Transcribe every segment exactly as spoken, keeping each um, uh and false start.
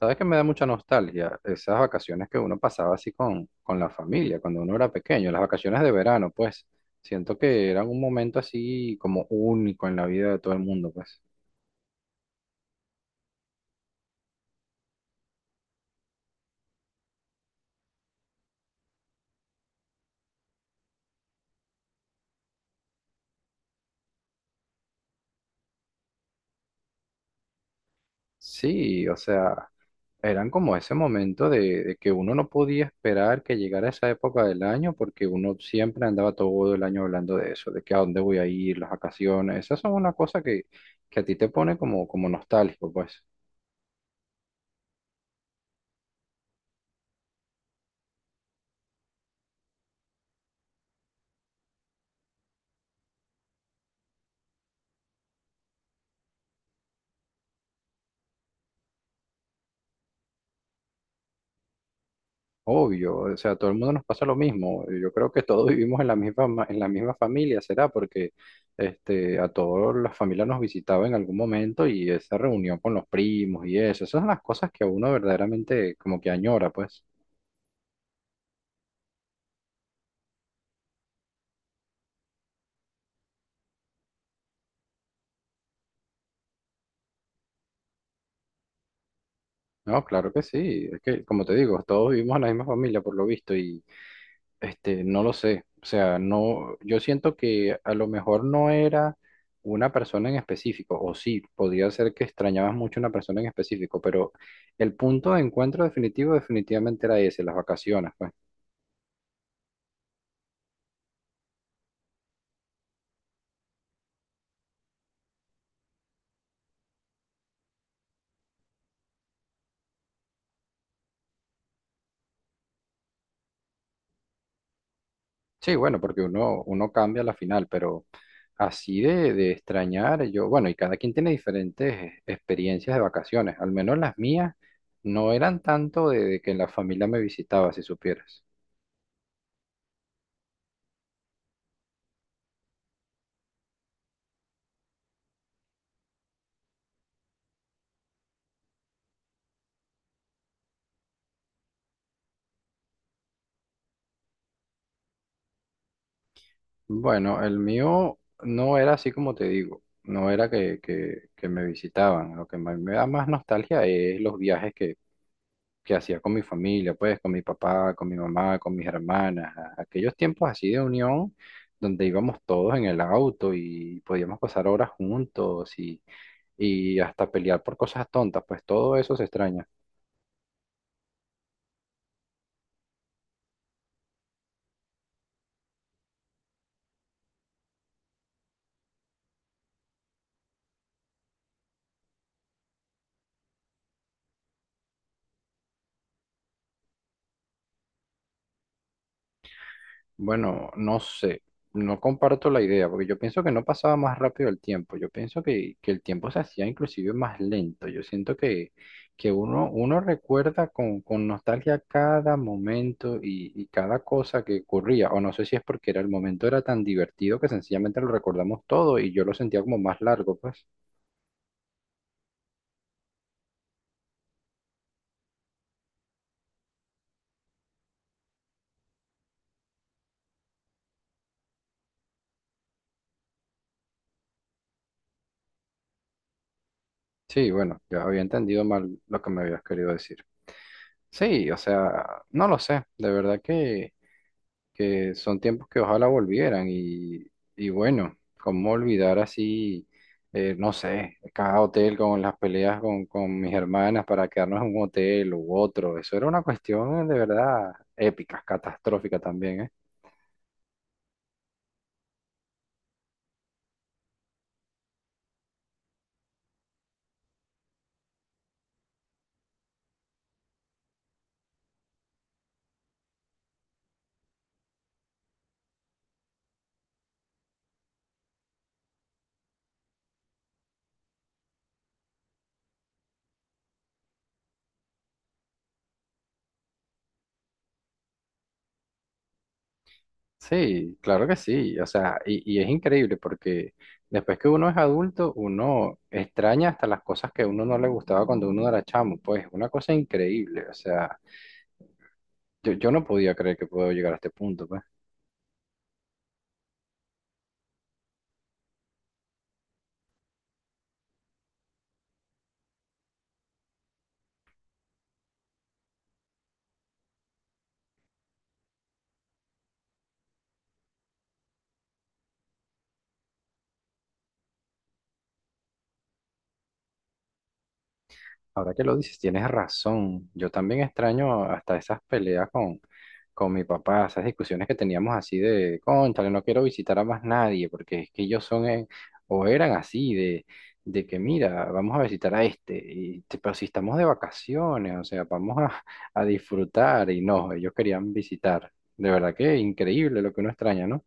Sabes que me da mucha nostalgia esas vacaciones que uno pasaba así con, con la familia, cuando uno era pequeño, las vacaciones de verano, pues siento que eran un momento así como único en la vida de todo el mundo, pues. Sí, o sea, eran como ese momento de, de que uno no podía esperar que llegara esa época del año porque uno siempre andaba todo el año hablando de eso, de que a dónde voy a ir, las vacaciones, esas son una cosa que, que a ti te pone como, como nostálgico, pues. Obvio, o sea, a todo el mundo nos pasa lo mismo. Yo creo que todos vivimos en la misma, ma- en la misma familia, será porque este, a todas las familias nos visitaba en algún momento y esa reunión con los primos y eso, esas son las cosas que a uno verdaderamente como que añora, pues. No, claro que sí. Es que, como te digo, todos vivimos en la misma familia por lo visto. Este, no lo sé. O sea, no, yo siento que a lo mejor no era una persona en específico, o sí, podría ser que extrañabas mucho una persona en específico, pero el punto de encuentro definitivo definitivamente era ese, las vacaciones, pues. Sí, bueno, porque uno, uno cambia la final, pero así de, de extrañar, yo, bueno, y cada quien tiene diferentes experiencias de vacaciones, al menos las mías no eran tanto de, de que la familia me visitaba, si supieras. Bueno, el mío no era así como te digo, no era que, que- que me visitaban, lo que me, me da más nostalgia es los viajes que, que hacía con mi familia, pues con mi papá, con mi mamá, con mis hermanas, a- aquellos tiempos así de unión donde íbamos todos en el auto y podíamos pasar horas juntos y, y hasta pelear por cosas tontas, pues todo eso se extraña. Bueno, no sé, no comparto la idea, porque yo pienso que no pasaba más rápido el tiempo, yo pienso que, que el tiempo se hacía inclusive más lento, yo siento que, que uno, uno recuerda con, con nostalgia cada momento y, y cada cosa que ocurría, o no sé si es porque era el momento era tan divertido que sencillamente lo recordamos todo y yo lo sentía como más largo, pues. Sí, bueno, yo había entendido mal lo que me habías querido decir. Sí, o sea, no lo sé, de verdad que... que son tiempos que ojalá volvieran y, y bueno, cómo olvidar así, eh, no sé, cada hotel con las peleas con, con mis hermanas para quedarnos en un hotel u otro, eso era una cuestión de verdad épica, catastrófica también, ¿eh? Sí, claro que sí, o sea, y, y es increíble porque después que uno es adulto, uno extraña hasta las cosas que a uno no le gustaba cuando uno era chamo, pues una cosa increíble, o sea, yo, yo no podía creer que puedo llegar a este punto, pues. Ahora que lo dices, tienes razón. Yo también extraño hasta esas peleas con, con mi papá, esas discusiones que teníamos así de, cónchale, no quiero visitar a más nadie, porque es que ellos son eh, o eran así, de, de que mira, vamos a visitar a este, y, te- pero si estamos de vacaciones, o sea, vamos a, a disfrutar, y no, ellos querían visitar. De verdad que increíble lo que uno extraña, ¿no?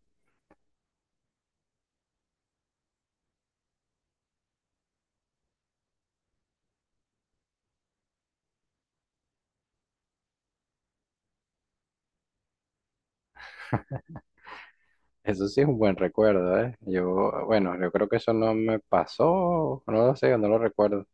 Eso sí es un buen recuerdo, ¿eh? Yo, bueno, yo creo que eso no me pasó, no lo sé, no lo recuerdo.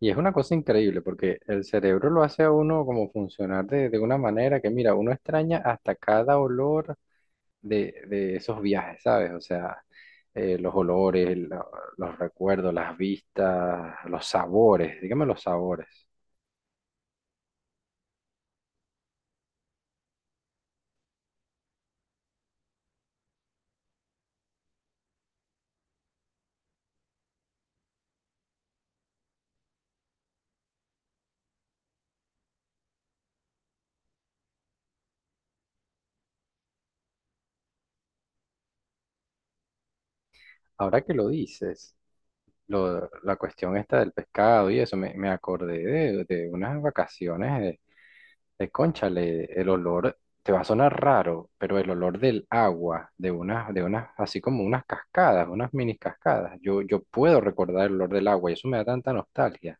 Y es una cosa increíble porque el cerebro lo hace a uno como funcionar de, de una manera que, mira, uno extraña hasta cada olor de, de esos viajes, ¿sabes? O sea, eh, los olores, lo- los recuerdos, las vistas, los sabores, dígame los sabores. Ahora que lo dices, lo- la cuestión esta del pescado y eso, me, me acordé de, de unas vacaciones eh, de cónchale, el olor, te va a sonar raro, pero el olor del agua, de unas, de unas, así como unas cascadas, unas mini cascadas. Yo, yo puedo recordar el olor del agua y eso me da tanta nostalgia.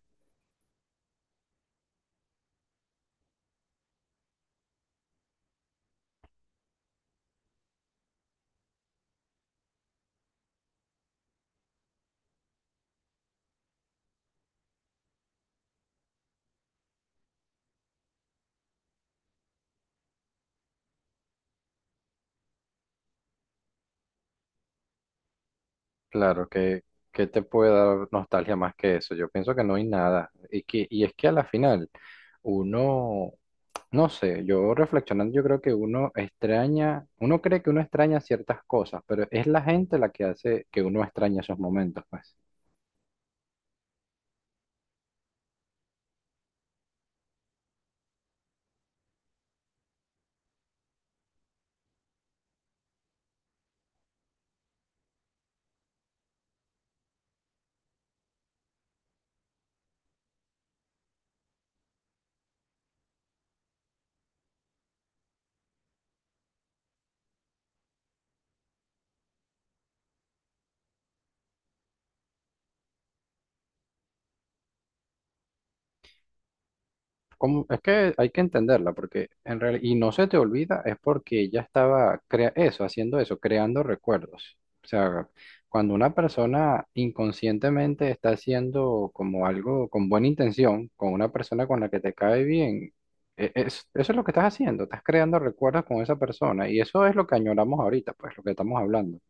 Claro que, que te puede dar nostalgia más que eso. Yo pienso que no hay nada. Y que, y es que a la final, uno, no sé, yo reflexionando, yo creo que uno extraña, uno cree que uno extraña ciertas cosas, pero es la gente la que hace que uno extraña esos momentos, pues. como- Es que hay que entenderla, porque en realidad, y no se te olvida, es porque ella estaba crea eso, haciendo eso, creando recuerdos. O sea, cuando una persona inconscientemente está haciendo como algo con buena intención, con una persona con la que te cae bien, e- es, eso es lo que estás haciendo, estás creando recuerdos con esa persona, y eso es lo que añoramos ahorita, pues lo que estamos hablando.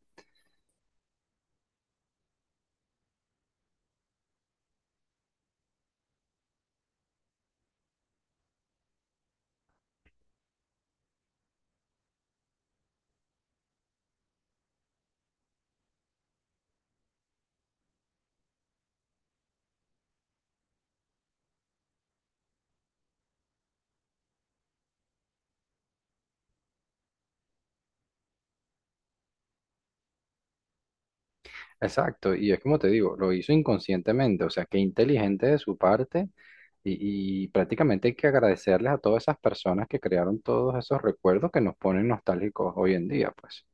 Exacto, y es como te digo, lo hizo inconscientemente, o sea, qué inteligente de su parte y, y prácticamente hay que agradecerles a todas esas personas que crearon todos esos recuerdos que nos ponen nostálgicos hoy en día, pues.